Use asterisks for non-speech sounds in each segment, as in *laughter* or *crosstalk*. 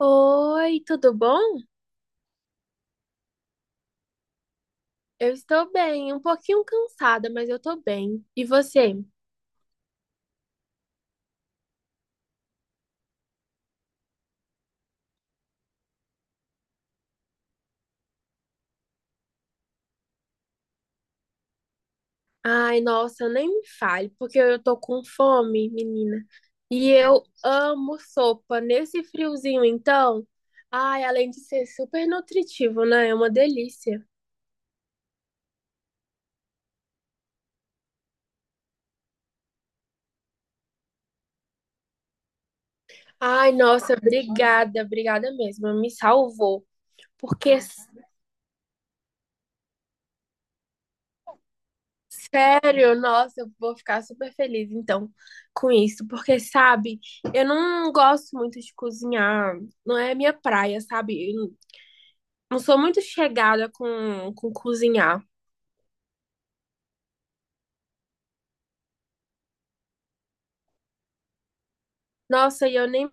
Oi, tudo bom? Eu estou bem, um pouquinho cansada, mas eu tô bem. E você? Ai, nossa, nem me fale, porque eu tô com fome, menina. E eu amo sopa nesse friozinho, então. Ai, além de ser super nutritivo, né? É uma delícia. Ai, nossa, obrigada, obrigada mesmo. Me salvou. Porque sério? Nossa, eu vou ficar super feliz então com isso, porque sabe, eu não gosto muito de cozinhar, não é minha praia, sabe? Eu não sou muito chegada com cozinhar. Nossa, e eu nem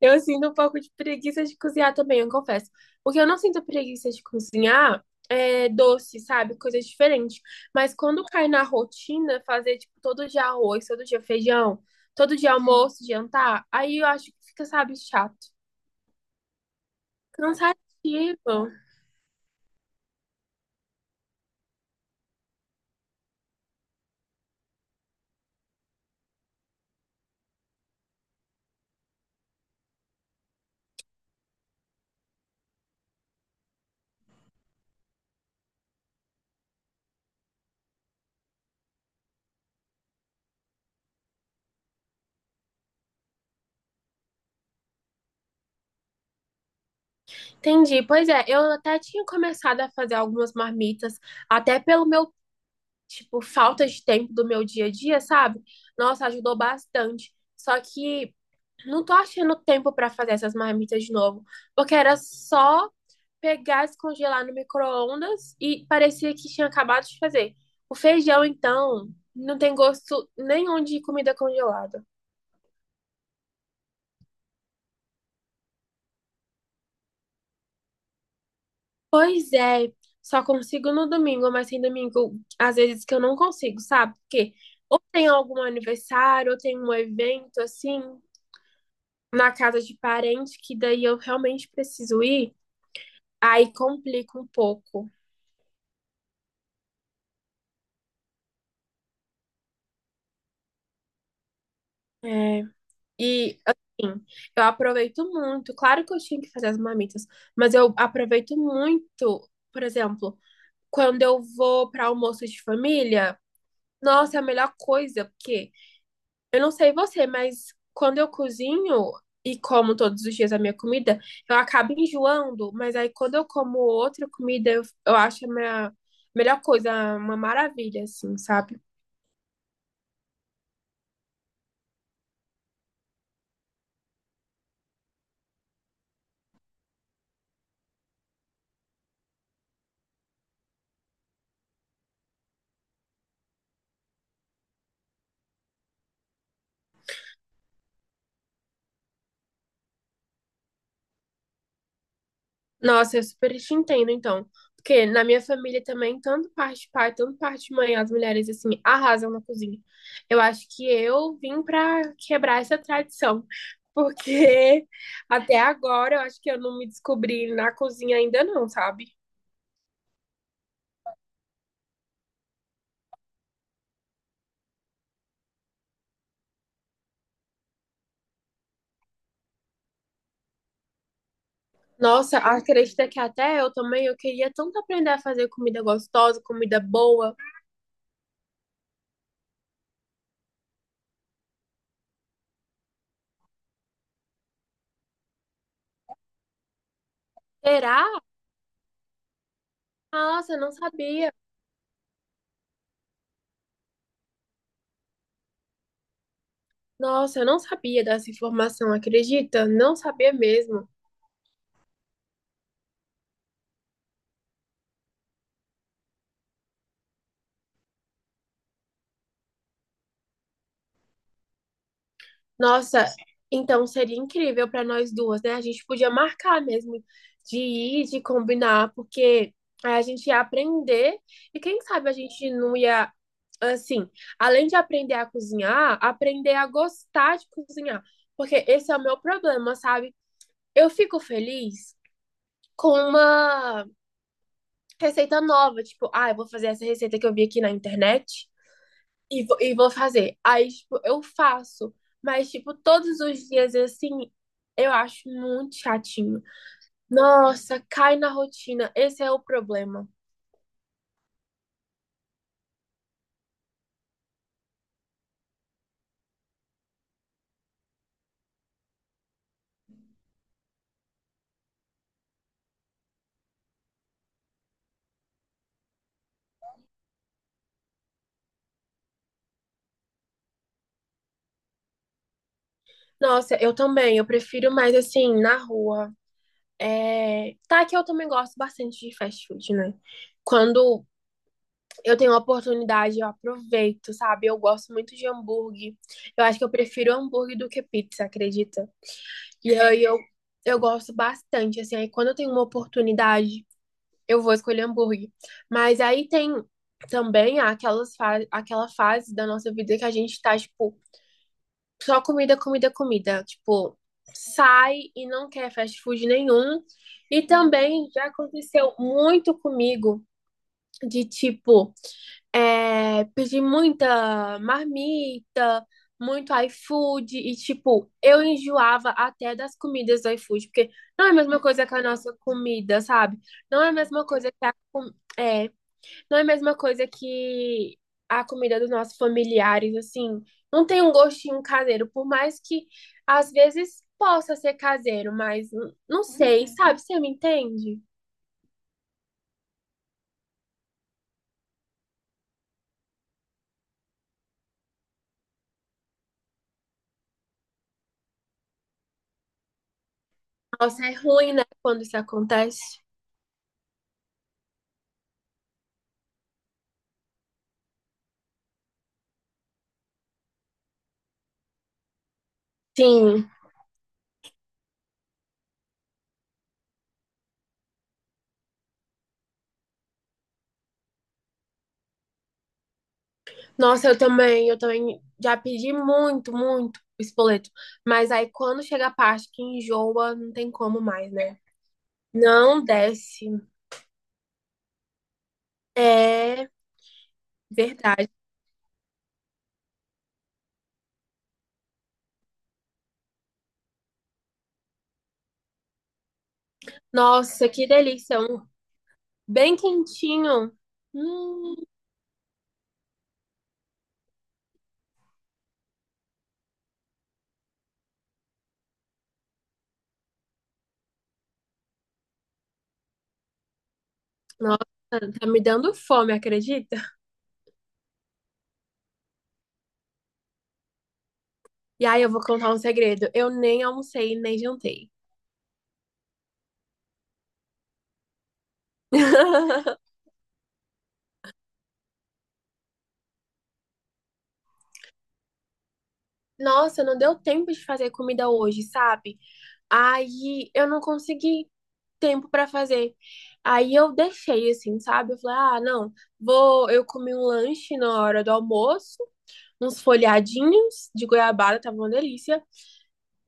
eu sinto um pouco de preguiça de cozinhar também, eu confesso. O que eu não sinto preguiça de cozinhar é doce, sabe? Coisas diferentes. Mas quando cai na rotina, fazer, tipo, todo dia arroz, todo dia feijão, todo dia almoço, jantar, aí eu acho que fica, sabe, chato. Cansativo. Entendi. Pois é, eu até tinha começado a fazer algumas marmitas, até pelo meu, tipo, falta de tempo do meu dia a dia, sabe? Nossa, ajudou bastante. Só que não tô achando tempo pra fazer essas marmitas de novo, porque era só pegar, descongelar no micro-ondas e parecia que tinha acabado de fazer. O feijão, então, não tem gosto nenhum de comida congelada. Pois é, só consigo no domingo, mas tem domingo, às vezes que eu não consigo, sabe? Porque ou tem algum aniversário, ou tem um evento assim, na casa de parente, que daí eu realmente preciso ir, aí complica um pouco. É. E assim, eu aproveito muito, claro que eu tinha que fazer as marmitas, mas eu aproveito muito, por exemplo, quando eu vou para almoço de família, nossa, é a melhor coisa, porque. Eu não sei você, mas quando eu cozinho e como todos os dias a minha comida, eu acabo enjoando, mas aí quando eu como outra comida, eu acho a minha melhor coisa, uma maravilha, assim, sabe? Nossa, eu super te entendo, então. Porque na minha família também, tanto parte de pai, tanto parte de mãe, as mulheres, assim, arrasam na cozinha. Eu acho que eu vim pra quebrar essa tradição. Porque *laughs* até agora eu acho que eu não me descobri na cozinha ainda não, sabe? Nossa, acredita que até eu também, eu queria tanto aprender a fazer comida gostosa, comida boa. Será? Ah, nossa, eu não sabia. Nossa, eu não sabia dessa informação, acredita? Não sabia mesmo. Nossa, então seria incrível para nós duas, né? A gente podia marcar mesmo de ir, de combinar, porque a gente ia aprender e quem sabe a gente não ia, assim, além de aprender a cozinhar, aprender a gostar de cozinhar. Porque esse é o meu problema, sabe? Eu fico feliz com uma receita nova, tipo, ah, eu vou fazer essa receita que eu vi aqui na internet e vou fazer. Aí, tipo, eu faço, mas, tipo, todos os dias assim, eu acho muito chatinho. Nossa, cai na rotina, esse é o problema. Nossa, eu também, eu prefiro mais assim, na rua. Tá que eu também gosto bastante de fast food, né? Quando eu tenho a oportunidade, eu aproveito, sabe? Eu gosto muito de hambúrguer. Eu acho que eu prefiro hambúrguer do que pizza, acredita? E aí eu gosto bastante, assim. Aí quando eu tenho uma oportunidade, eu vou escolher hambúrguer. Mas aí tem também aquela fase da nossa vida que a gente tá, tipo, só comida, comida, comida. Tipo, sai e não quer fast food nenhum. E também já aconteceu muito comigo de tipo é, pedir muita marmita, muito iFood, e tipo, eu enjoava até das comidas do iFood, porque não é a mesma coisa que a nossa comida, sabe? Não é a mesma coisa é, não é a mesma coisa que a comida dos nossos familiares, assim, não tem um gostinho caseiro, por mais que às vezes possa ser caseiro, mas não sei, sabe? Você me entende? Nossa, é ruim, né, quando isso acontece? Sim. Nossa, eu também já pedi muito, muito espoleto. Mas aí quando chega a parte que enjoa, não tem como mais, né? Não desce. É verdade. Nossa, que delícia. Um bem quentinho. Hum, nossa, tá me dando fome, acredita? E aí eu vou contar um segredo. Eu nem almocei, nem jantei. *laughs* Nossa, não deu tempo de fazer comida hoje, sabe? Aí eu não consegui tempo pra fazer. Aí eu deixei assim, sabe? Eu falei: "Ah, não, vou, eu comi um lanche na hora do almoço, uns folhadinhos de goiabada, tava uma delícia,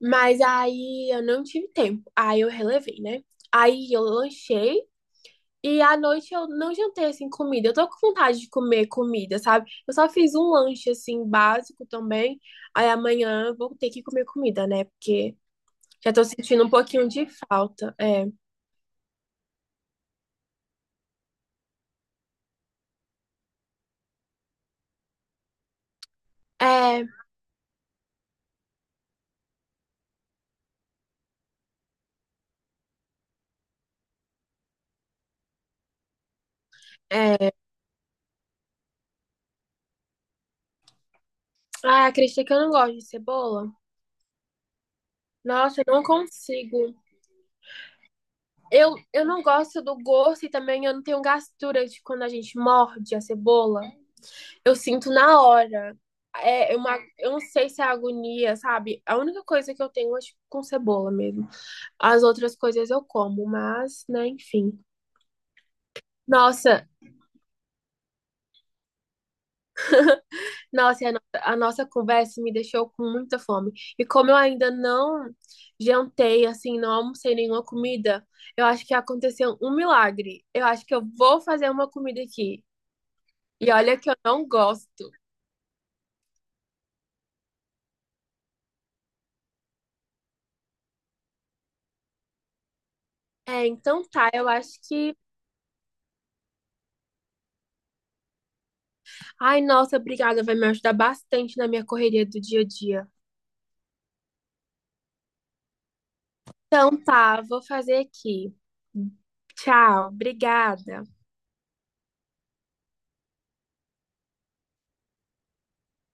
mas aí eu não tive tempo. Aí eu relevei, né? Aí eu lanchei e à noite eu não jantei assim comida. Eu tô com vontade de comer comida, sabe? Eu só fiz um lanche assim básico também. Aí amanhã eu vou ter que comer comida, né? Porque já tô sentindo um pouquinho de falta. É. É, é. Ah, acredita que eu não gosto de cebola? Nossa, eu não consigo. Eu não gosto do gosto e também eu não tenho gastura de quando a gente morde a cebola. Eu sinto na hora. É uma, eu não sei se é agonia, sabe? A única coisa que eu tenho é tipo, com cebola mesmo. As outras coisas eu como, mas, né, enfim. Nossa, Nossa, e a, no- a nossa conversa me deixou com muita fome. E como eu ainda não jantei, assim, não almocei nenhuma comida, eu acho que aconteceu um milagre. Eu acho que eu vou fazer uma comida aqui. E olha que eu não gosto. É, então tá, eu acho que. Ai, nossa, obrigada, vai me ajudar bastante na minha correria do dia a dia. Então tá, vou fazer aqui. Tchau, obrigada.